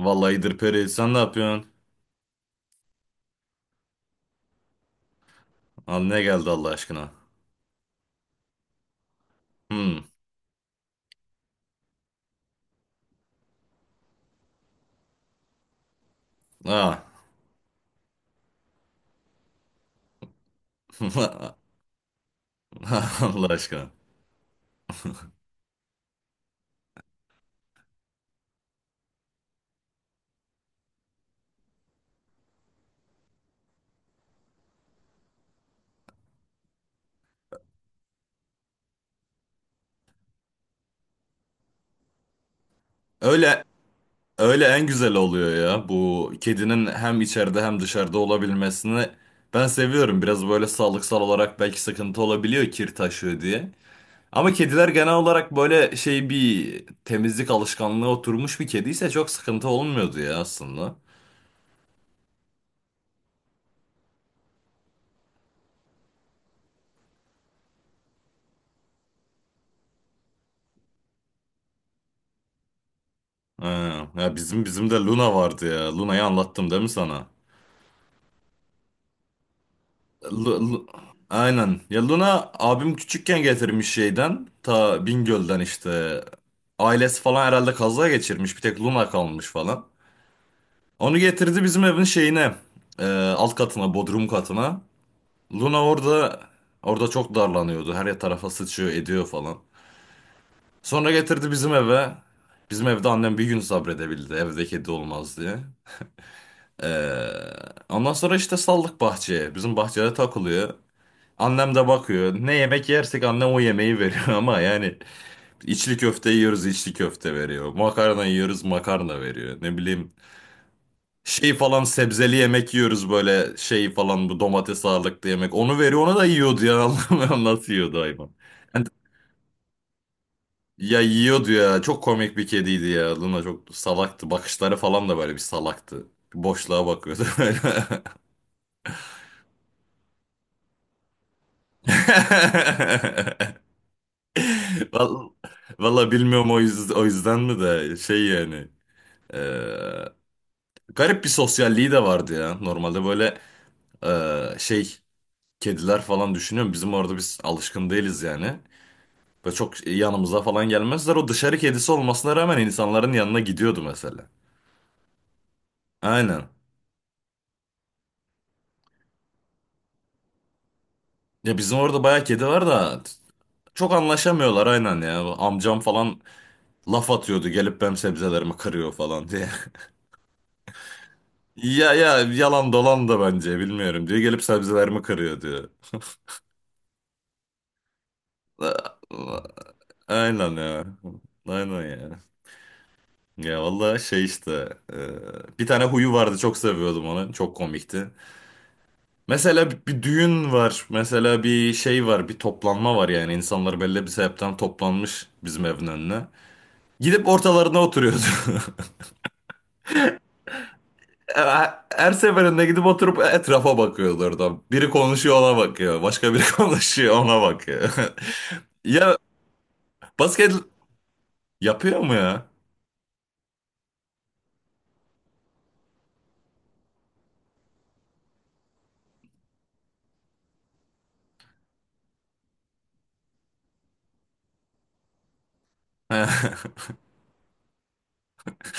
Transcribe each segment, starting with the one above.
Vallahi İdir Peri sen ne yapıyorsun? Al ne geldi Allah aşkına? Hmm. Ah. Allah aşkına. Öyle öyle en güzel oluyor ya. Bu kedinin hem içeride hem dışarıda olabilmesini ben seviyorum. Biraz böyle sağlıksal olarak belki sıkıntı olabiliyor, kir taşıyor diye. Ama kediler genel olarak böyle şey, bir temizlik alışkanlığı oturmuş bir kediyse çok sıkıntı olmuyordu ya aslında. Ha, ya bizim de Luna vardı ya. Luna'yı anlattım değil mi sana? Lu- Lu- Aynen. Ya Luna abim küçükken getirmiş şeyden. Ta Bingöl'den işte. Ailesi falan herhalde kaza geçirmiş, bir tek Luna kalmış falan. Onu getirdi bizim evin şeyine. e, alt katına, bodrum katına. Luna orada çok darlanıyordu. Her tarafa sıçıyor, ediyor falan. Sonra getirdi bizim eve. Bizim evde annem bir gün sabredebildi, evde kedi olmaz diye. E, ondan sonra işte saldık bahçeye. Bizim bahçede takılıyor. Annem de bakıyor. Ne yemek yersek annem o yemeği veriyor ama yani içli köfte yiyoruz, içli köfte veriyor. Makarna yiyoruz, makarna veriyor. Ne bileyim, şey falan sebzeli yemek yiyoruz böyle şey falan, bu domates ağırlıklı yemek. Onu veriyor, ona da yiyordu ya anlamıyorum nasıl yiyordu hayvan. Yani ya yiyordu ya, çok komik bir kediydi ya Luna, çok salaktı, bakışları falan da böyle bir salaktı. Boşluğa bakıyordu böyle. Vallahi, vallahi bilmiyorum, o yüzden mi de şey yani. Ee, garip bir sosyalliği de vardı ya. Normalde böyle şey kediler falan düşünüyorum. Bizim orada biz alışkın değiliz yani. Böyle çok yanımıza falan gelmezler. O dışarı kedisi olmasına rağmen insanların yanına gidiyordu mesela. Aynen. Ya bizim orada bayağı kedi var da, çok anlaşamıyorlar aynen ya. Amcam falan laf atıyordu, gelip benim sebzelerimi kırıyor falan diye. Ya yalan dolan da bence, bilmiyorum diyor. Gelip sebzelerimi kırıyor diyor. Aynen ya. Aynen ya. Ya vallahi şey işte, bir tane huyu vardı, çok seviyordum onu, çok komikti. Mesela bir düğün var mesela, bir şey var, bir toplanma var yani, insanlar belli bir sebepten toplanmış bizim evin önüne. Gidip ortalarına oturuyordu. Her seferinde gidip oturup etrafa bakıyordu orada. Biri konuşuyor, ona bakıyor, başka biri konuşuyor, ona bakıyor. Ya basket yapıyor mu ya?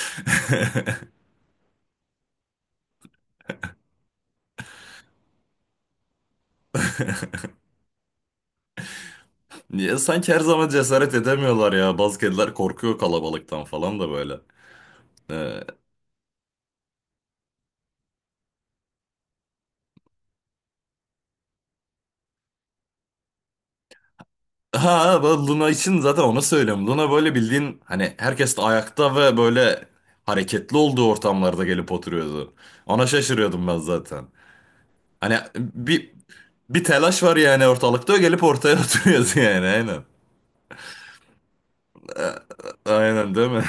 Niye sanki her zaman cesaret edemiyorlar ya. Bazı kediler korkuyor kalabalıktan falan da böyle. Ee, ha, bu Luna için zaten onu söylüyorum. Luna böyle, bildiğin hani, herkes de ayakta ve böyle hareketli olduğu ortamlarda gelip oturuyordu. Ona şaşırıyordum ben zaten. Hani bir telaş var yani ortalıkta, o gelip ortaya oturuyordu yani, aynen. Aynen değil mi?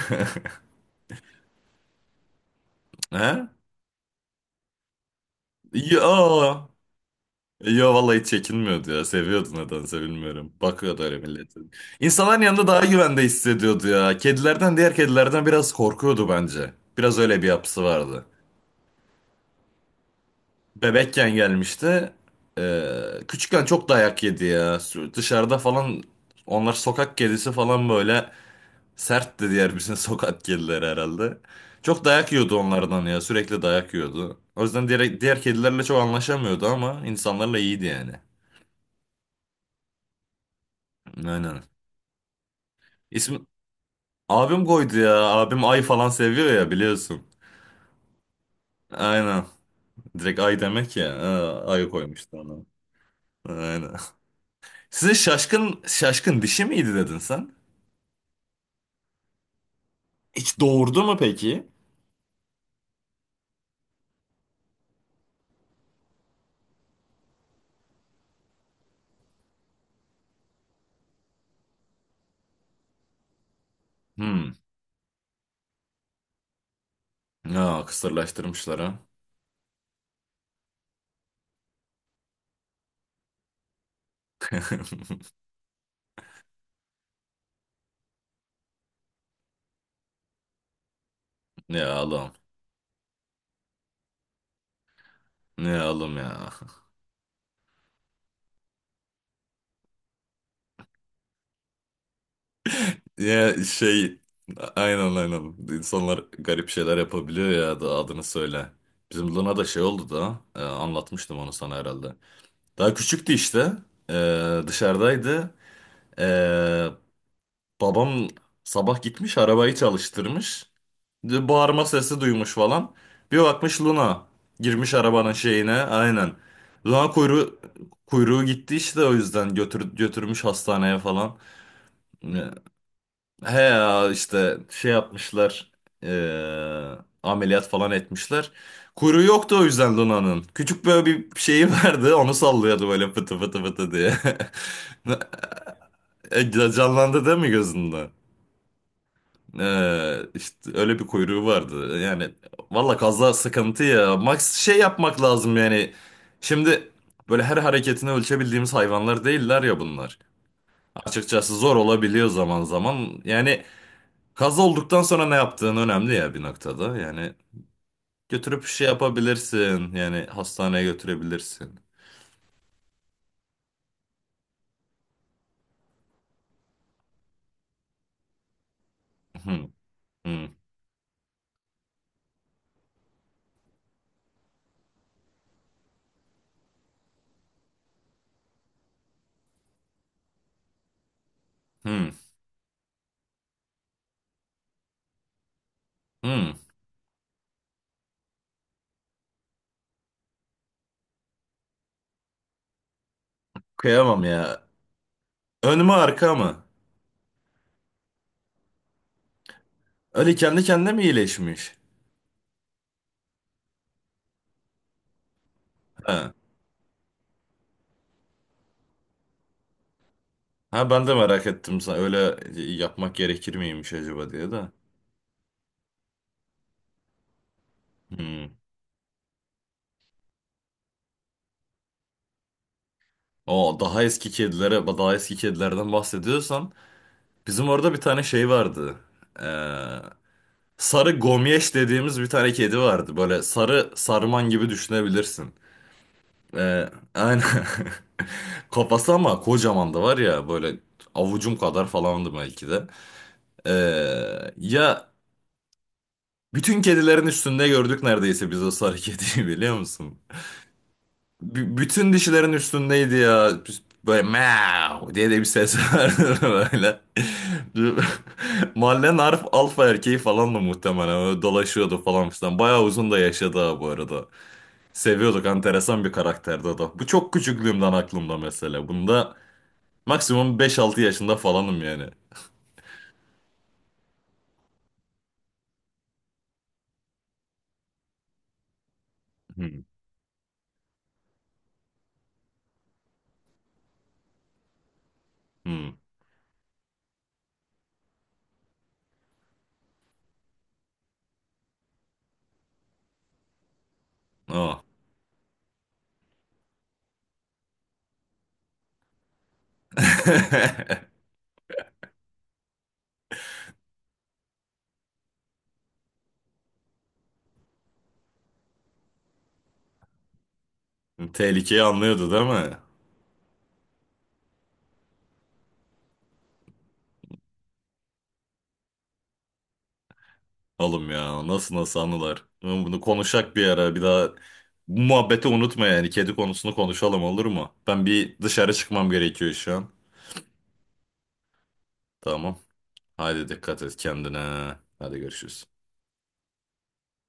He? Ya, Yo, vallahi hiç çekinmiyordu ya. Seviyordu nedense, bilmiyorum. Bakıyordu öyle millete. İnsanların yanında daha güvende hissediyordu ya. Diğer kedilerden biraz korkuyordu bence. Biraz öyle bir yapısı vardı. Bebekken gelmişti. Ee, küçükken çok dayak yedi ya. Dışarıda falan, onlar sokak kedisi falan, böyle sertti diğer bizim sokak kedileri herhalde. Çok dayak yiyordu onlardan ya. Sürekli dayak yiyordu. O yüzden diğer kedilerle çok anlaşamıyordu ama insanlarla iyiydi yani. Aynen. İsmi, Abim koydu ya. Abim ay falan seviyor ya, biliyorsun. Aynen. Direkt ay demek ya. Ha, ay koymuştu ona. Aynen. Size Şaşkın dişi miydi dedin sen? Hiç doğurdu mu peki? Hmm. Ya kısırlaştırmışlar ha. Ne oğlum. Ne oğlum ya. Ya şey, aynen aynen. İnsanlar garip şeyler yapabiliyor ya, da adını söyle. Bizim Luna da şey oldu da, anlatmıştım onu sana herhalde. Daha küçüktü işte. E, dışarıdaydı. Ee, babam sabah gitmiş, arabayı çalıştırmış. Bağırma sesi duymuş falan. Bir bakmış, Luna girmiş arabanın şeyine, aynen. Luna kuyruğu gitti işte, o yüzden götürmüş hastaneye falan. Ee, He ya, işte şey yapmışlar. ee, Ameliyat falan etmişler. Kuyruğu yoktu o yüzden Luna'nın. Küçük böyle bir şeyi vardı, onu sallıyordu böyle, fıtı fıtı fıtı diye. Canlandı değil mi gözünde? İşte öyle bir kuyruğu vardı. Yani valla kaza sıkıntı ya. Max şey yapmak lazım yani. Şimdi böyle her hareketini ölçebildiğimiz hayvanlar değiller ya bunlar. Açıkçası zor olabiliyor zaman zaman. Yani kaza olduktan sonra ne yaptığın önemli ya bir noktada. Yani götürüp şey yapabilirsin. Yani hastaneye götürebilirsin. Hı, hı, hı, hı. Kıyamam ya. Ön mü arka mı? Öyle kendi kendine mi iyileşmiş? Ha. Ha, ben de merak ettim, sen öyle yapmak gerekir miymiş acaba diye de. Hmm. O daha eski kedilerden bahsediyorsan, bizim orada bir tane şey vardı. Ee, sarı gomyeş dediğimiz bir tane kedi vardı. Böyle sarı sarman gibi düşünebilirsin. Ee, aynen. Kafası ama kocaman, da var ya böyle, avucum kadar falandı belki de. Ee, ya bütün kedilerin üstünde gördük neredeyse biz o sarı kediyi, biliyor musun? Bütün dişilerin üstündeydi ya. Böyle meow diye de bir ses vardı, böyle. Mahallenin alfa erkeği falan da muhtemelen, öyle dolaşıyordu falan filan. Bayağı uzun da yaşadı ha bu arada. Seviyorduk, enteresan bir karakterdi o da. Bu çok küçüklüğümden aklımda mesela. Bunda maksimum beş altı yaşında falanım yani. Hmm. Hmm. O. Tehlikeyi anlıyordu değil mi? Oğlum ya, nasıl nasıl anılar. Oğlum bunu konuşak bir ara, bir daha bu muhabbeti unutma yani, kedi konusunu konuşalım, olur mu? Ben bir dışarı çıkmam gerekiyor şu an. Tamam. Hadi dikkat et kendine. Hadi görüşürüz.